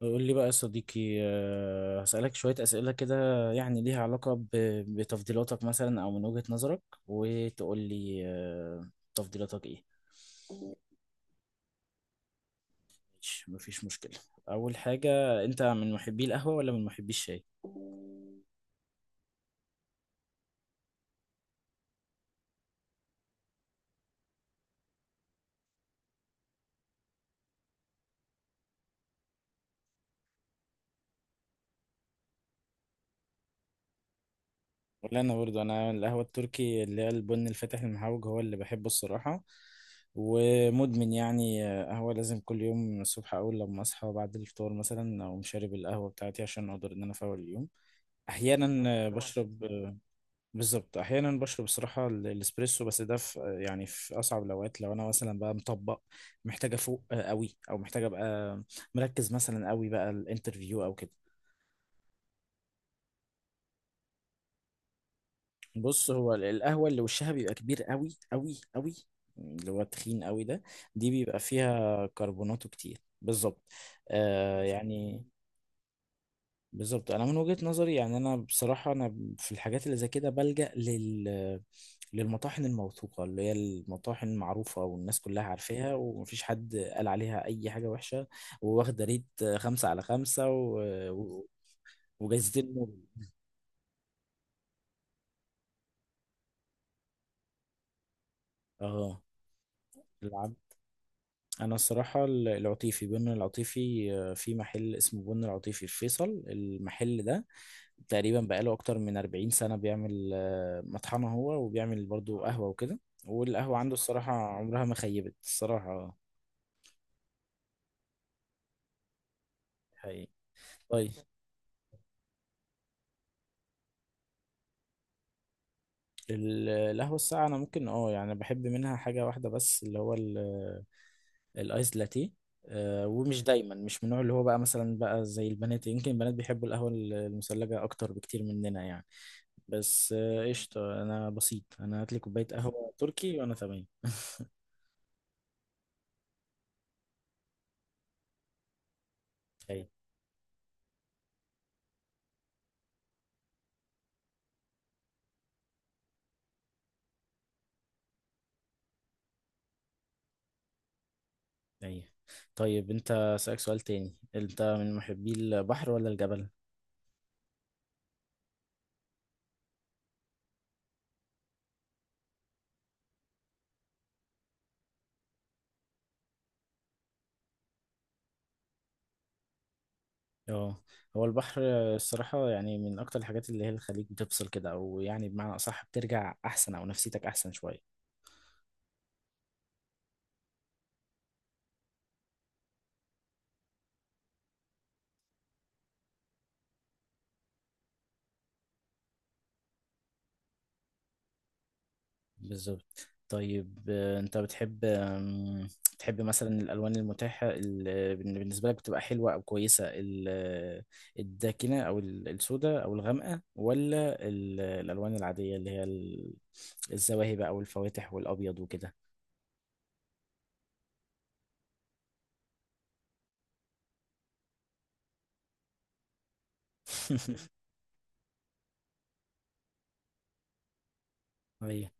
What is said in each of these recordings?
قول لي بقى يا صديقي هسألك شوية أسئلة كده يعني ليها علاقة بتفضيلاتك مثلا أو من وجهة نظرك وتقول لي تفضيلاتك إيه. ماشي، مفيش مشكلة. أول حاجة، أنت من محبي القهوة ولا من محبي الشاي؟ ولا أنا برضو، أنا القهوة التركي اللي هي البن الفاتح المحوج هو اللي بحبه الصراحة، ومدمن يعني قهوة لازم كل يوم الصبح. أول لما أصحى بعد الفطار مثلا أقوم شارب القهوة بتاعتي عشان أقدر إن أنا أفوق اليوم. أحيانا بشرب، بالظبط، احيانا بشرب الصراحه الاسبريسو، بس ده في يعني في اصعب الاوقات، لو انا مثلا بقى مطبق محتاجه افوق قوي، او محتاجه ابقى مركز مثلا قوي بقى الانترفيو او كده. بص، هو القهوه اللي وشها بيبقى كبير قوي قوي قوي، اللي هو التخين قوي ده، دي بيبقى فيها كربوناته كتير بالظبط. آه يعني. بالظبط، انا من وجهه نظري يعني، انا بصراحه انا في الحاجات اللي زي كده بلجأ للمطاحن الموثوقة، اللي هي المطاحن المعروفة والناس كلها عارفاها ومفيش حد قال عليها أي حاجة وحشة، وواخدة ريت خمسة على خمسة و... وجايزتين نوبل. اه، العب. أنا الصراحة العطيفي، بن العطيفي، في محل اسمه بن العطيفي في فيصل، المحل ده تقريبا بقاله أكتر من 40 سنة بيعمل مطحنة هو، وبيعمل برضو قهوة وكده، والقهوة عنده الصراحة عمرها ما خيبت الصراحة حقيقي. طيب القهوة الساقعة أنا ممكن اه يعني بحب منها حاجة واحدة بس، اللي هو الآيس لاتيه. ومش دايما، مش من النوع اللي هو بقى مثلا بقى زي البنات. يمكن البنات بيحبوا القهوة المثلجة أكتر بكتير مننا يعني، بس قشطة، أنا بسيط، أنا هاتلي كوباية قهوة تركي وأنا تمام. أي، أي. طيب أنت سألك سؤال تاني، أنت من محبي البحر ولا الجبل؟ اه، هو البحر الصراحة يعني من أكتر الحاجات اللي هي الخليج بتفصل كده، أو يعني بمعنى أصح بترجع أحسن، أو نفسيتك أحسن شوية. بالظبط. طيب أنت بتحب بتحب مثلا الألوان المتاحة اللي بالنسبة لك بتبقى حلوة أو كويسة، الداكنة أو السوداء أو الغامقة، ولا الألوان العادية اللي هي الزواهب أو الفواتح والأبيض وكده. أيوه،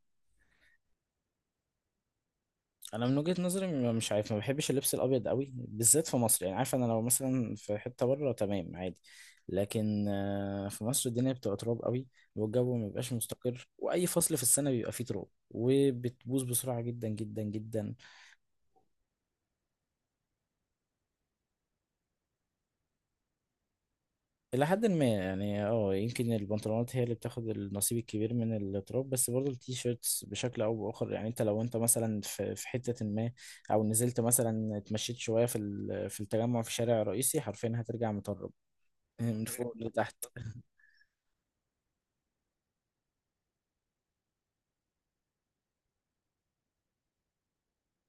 انا من وجهة نظري مش عارف، ما بحبش اللبس الابيض قوي بالذات في مصر. يعني عارف، انا لو مثلا في حتة بره تمام عادي، لكن في مصر الدنيا بتبقى تراب قوي، والجو ما بيبقاش مستقر، واي فصل في السنة بيبقى فيه تراب وبتبوظ بسرعة جدا جدا جدا. الى حد ما يعني، اه يمكن البنطلونات هي اللي بتاخد النصيب الكبير من التراب، بس برضه التيشيرتس بشكل او باخر يعني. انت لو انت مثلا في حتة ما، او نزلت مثلا اتمشيت شوية في في التجمع في شارع رئيسي، حرفيا هترجع مطرب من فوق لتحت.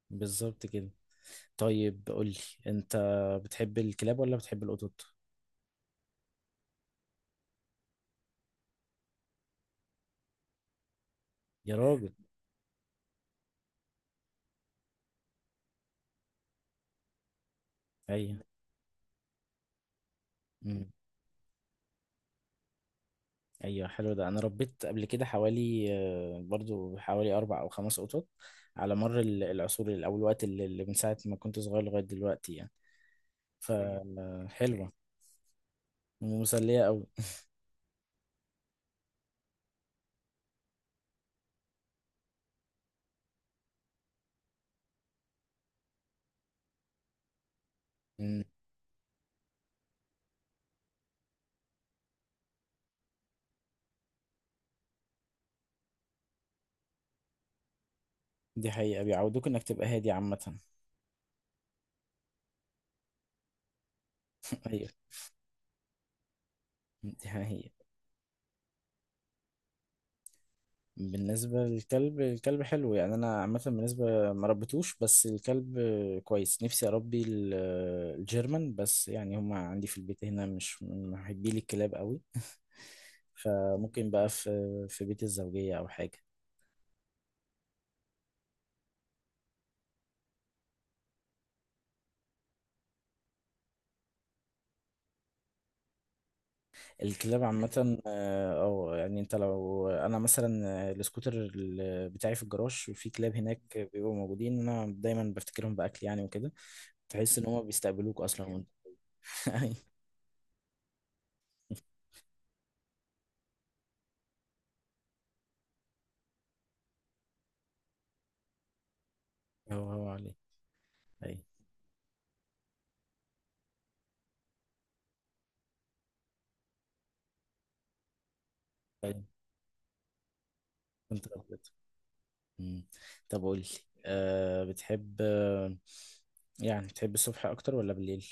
بالظبط كده. طيب قول لي، انت بتحب الكلاب ولا بتحب القطط؟ يا راجل. ايوه. امم، ايوه، حلو ده. انا ربيت قبل كده حوالي برضو حوالي اربع او خمس قطط على مر العصور، او الوقت اللي من ساعه ما كنت صغير لغايه دلوقتي يعني. فحلوه، ومسليه قوي. مم. دي حقيقه، بيعودوك انك تبقى هادي عامه. ايوه، دي حقيقه. بالنسبة للكلب، الكلب حلو يعني، أنا عامة بالنسبة ما ربيتوش، بس الكلب كويس، نفسي أربي الجيرمان، بس يعني هما عندي في البيت هنا مش من محبي لي الكلاب قوي. فممكن بقى في في بيت الزوجية أو حاجة. الكلاب عامة أو يعني، أنت لو أنا مثلا السكوتر بتاعي في الجراج، وفي كلاب هناك بيبقوا موجودين، أنا دايما بفتكرهم بأكل يعني وكده، تحس إن هما بيستقبلوك أصلا وأنت. هو هو عليه. طيب كنت أبيض. مم. طب قول لي، أه بتحب يعني بتحب الصبح أكتر ولا بالليل؟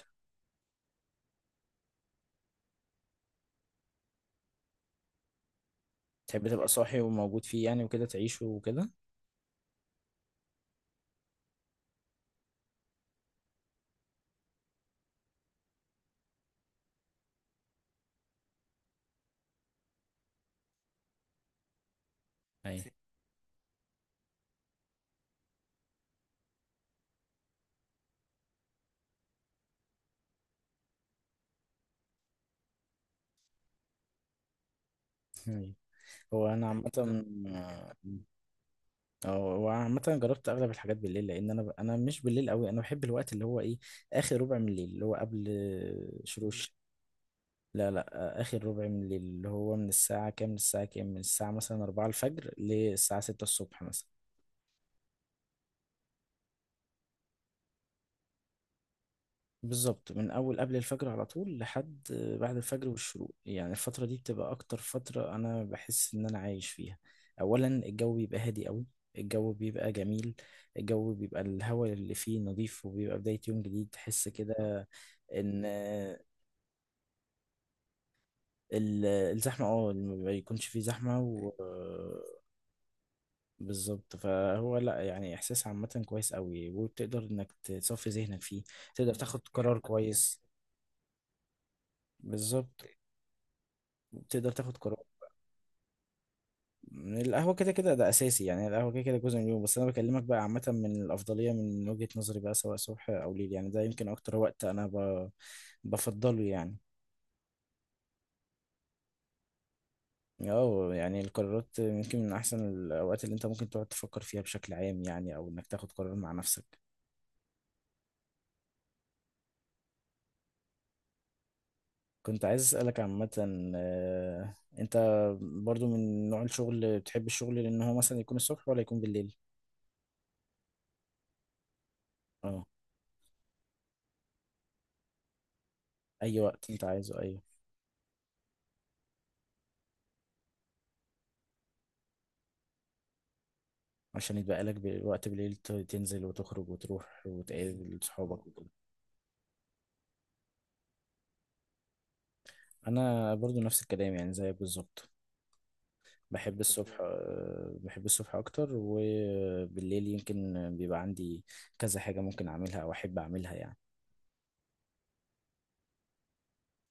تحب تبقى صاحي وموجود فيه يعني وكده، تعيشه وكده؟ أيوة. أيوة. هو أنا عامة آه، اه هو عامة جربت أغلب الحاجات بالليل، لأن أنا أنا مش بالليل أوي. أنا بحب الوقت اللي هو إيه، آخر ربع من الليل اللي هو قبل شروق الشمس. لا لا، آخر ربع من الليل، اللي هو من الساعة كام للساعة كام، من الساعة مثلا 4 الفجر للساعة 6 الصبح مثلا. بالظبط من اول قبل الفجر على طول لحد بعد الفجر والشروق يعني. الفتره دي بتبقى اكتر فتره انا بحس ان انا عايش فيها. اولا الجو بيبقى هادي قوي، الجو بيبقى جميل، الجو بيبقى الهواء اللي فيه نظيف، وبيبقى بدايه يوم جديد تحس كده. ان الزحمه، اه ما بيكونش فيه زحمه، و بالظبط، فهو لا يعني احساس عامه كويس قوي، وبتقدر انك تصفي ذهنك فيه، تقدر تاخد قرار كويس. بالظبط، تقدر تاخد قرار. القهوة كده كده ده أساسي يعني، القهوة كده كده جزء من اليوم، بس أنا بكلمك بقى عامة من الأفضلية من وجهة نظري بقى سواء صبح أو ليل. يعني ده يمكن أكتر وقت أنا بفضله يعني. اه يعني القرارات يمكن من أحسن الأوقات اللي أنت ممكن تقعد تفكر فيها بشكل عام يعني، أو إنك تاخد قرار مع نفسك. كنت عايز أسألك عامة، أنت برضو من نوع الشغل بتحب الشغل، لأن هو مثلا يكون الصبح ولا يكون بالليل؟ اه، أي وقت أنت عايزه، أيوه، عشان يتبقى لك وقت بالليل تنزل وتخرج وتروح وتقابل صحابك وكده. انا برضو نفس الكلام يعني زيك بالظبط. بحب الصبح بحب الصبح اكتر، وبالليل يمكن بيبقى عندي كذا حاجة ممكن اعملها او احب اعملها يعني.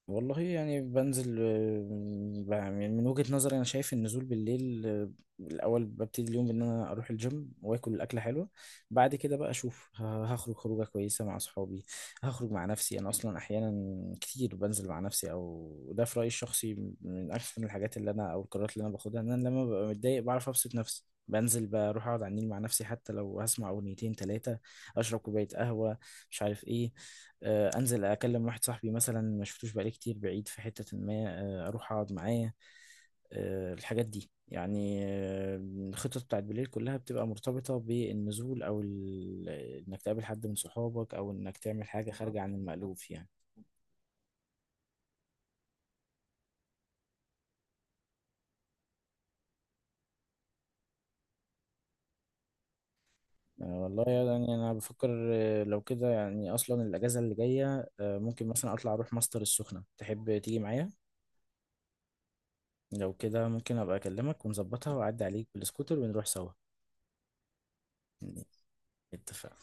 والله يعني بنزل يعني من وجهة نظري انا شايف النزول بالليل، الاول ببتدي اليوم بان انا اروح الجيم واكل اكله حلوه، بعد كده بقى اشوف هخرج خروجه كويسه مع اصحابي، هخرج مع نفسي، انا اصلا احيانا كتير بنزل مع نفسي، او ده في رايي الشخصي من احسن الحاجات اللي انا او القرارات اللي انا باخدها، ان انا لما ببقى متضايق بعرف ابسط نفسي، بنزل بروح اقعد على النيل مع نفسي، حتى لو هسمع اغنيتين ثلاثه، اشرب كوبايه قهوه، مش عارف ايه. انزل اكلم واحد صاحبي مثلا ما شفتوش بقالي كتير بعيد في حتة ما، اروح اقعد معاه. الحاجات دي يعني، الخطط بتاعت بالليل كلها بتبقى مرتبطة بالنزول، او انك تقابل حد من صحابك، او انك تعمل حاجة خارجة عن المألوف يعني. والله يعني انا بفكر لو كده يعني، اصلا الاجازة اللي جاية ممكن مثلا اطلع اروح ماستر السخنة، تحب تيجي معايا؟ لو كده ممكن ابقى اكلمك ونظبطها واعدي عليك بالسكوتر ونروح سوا يعني. اتفقنا.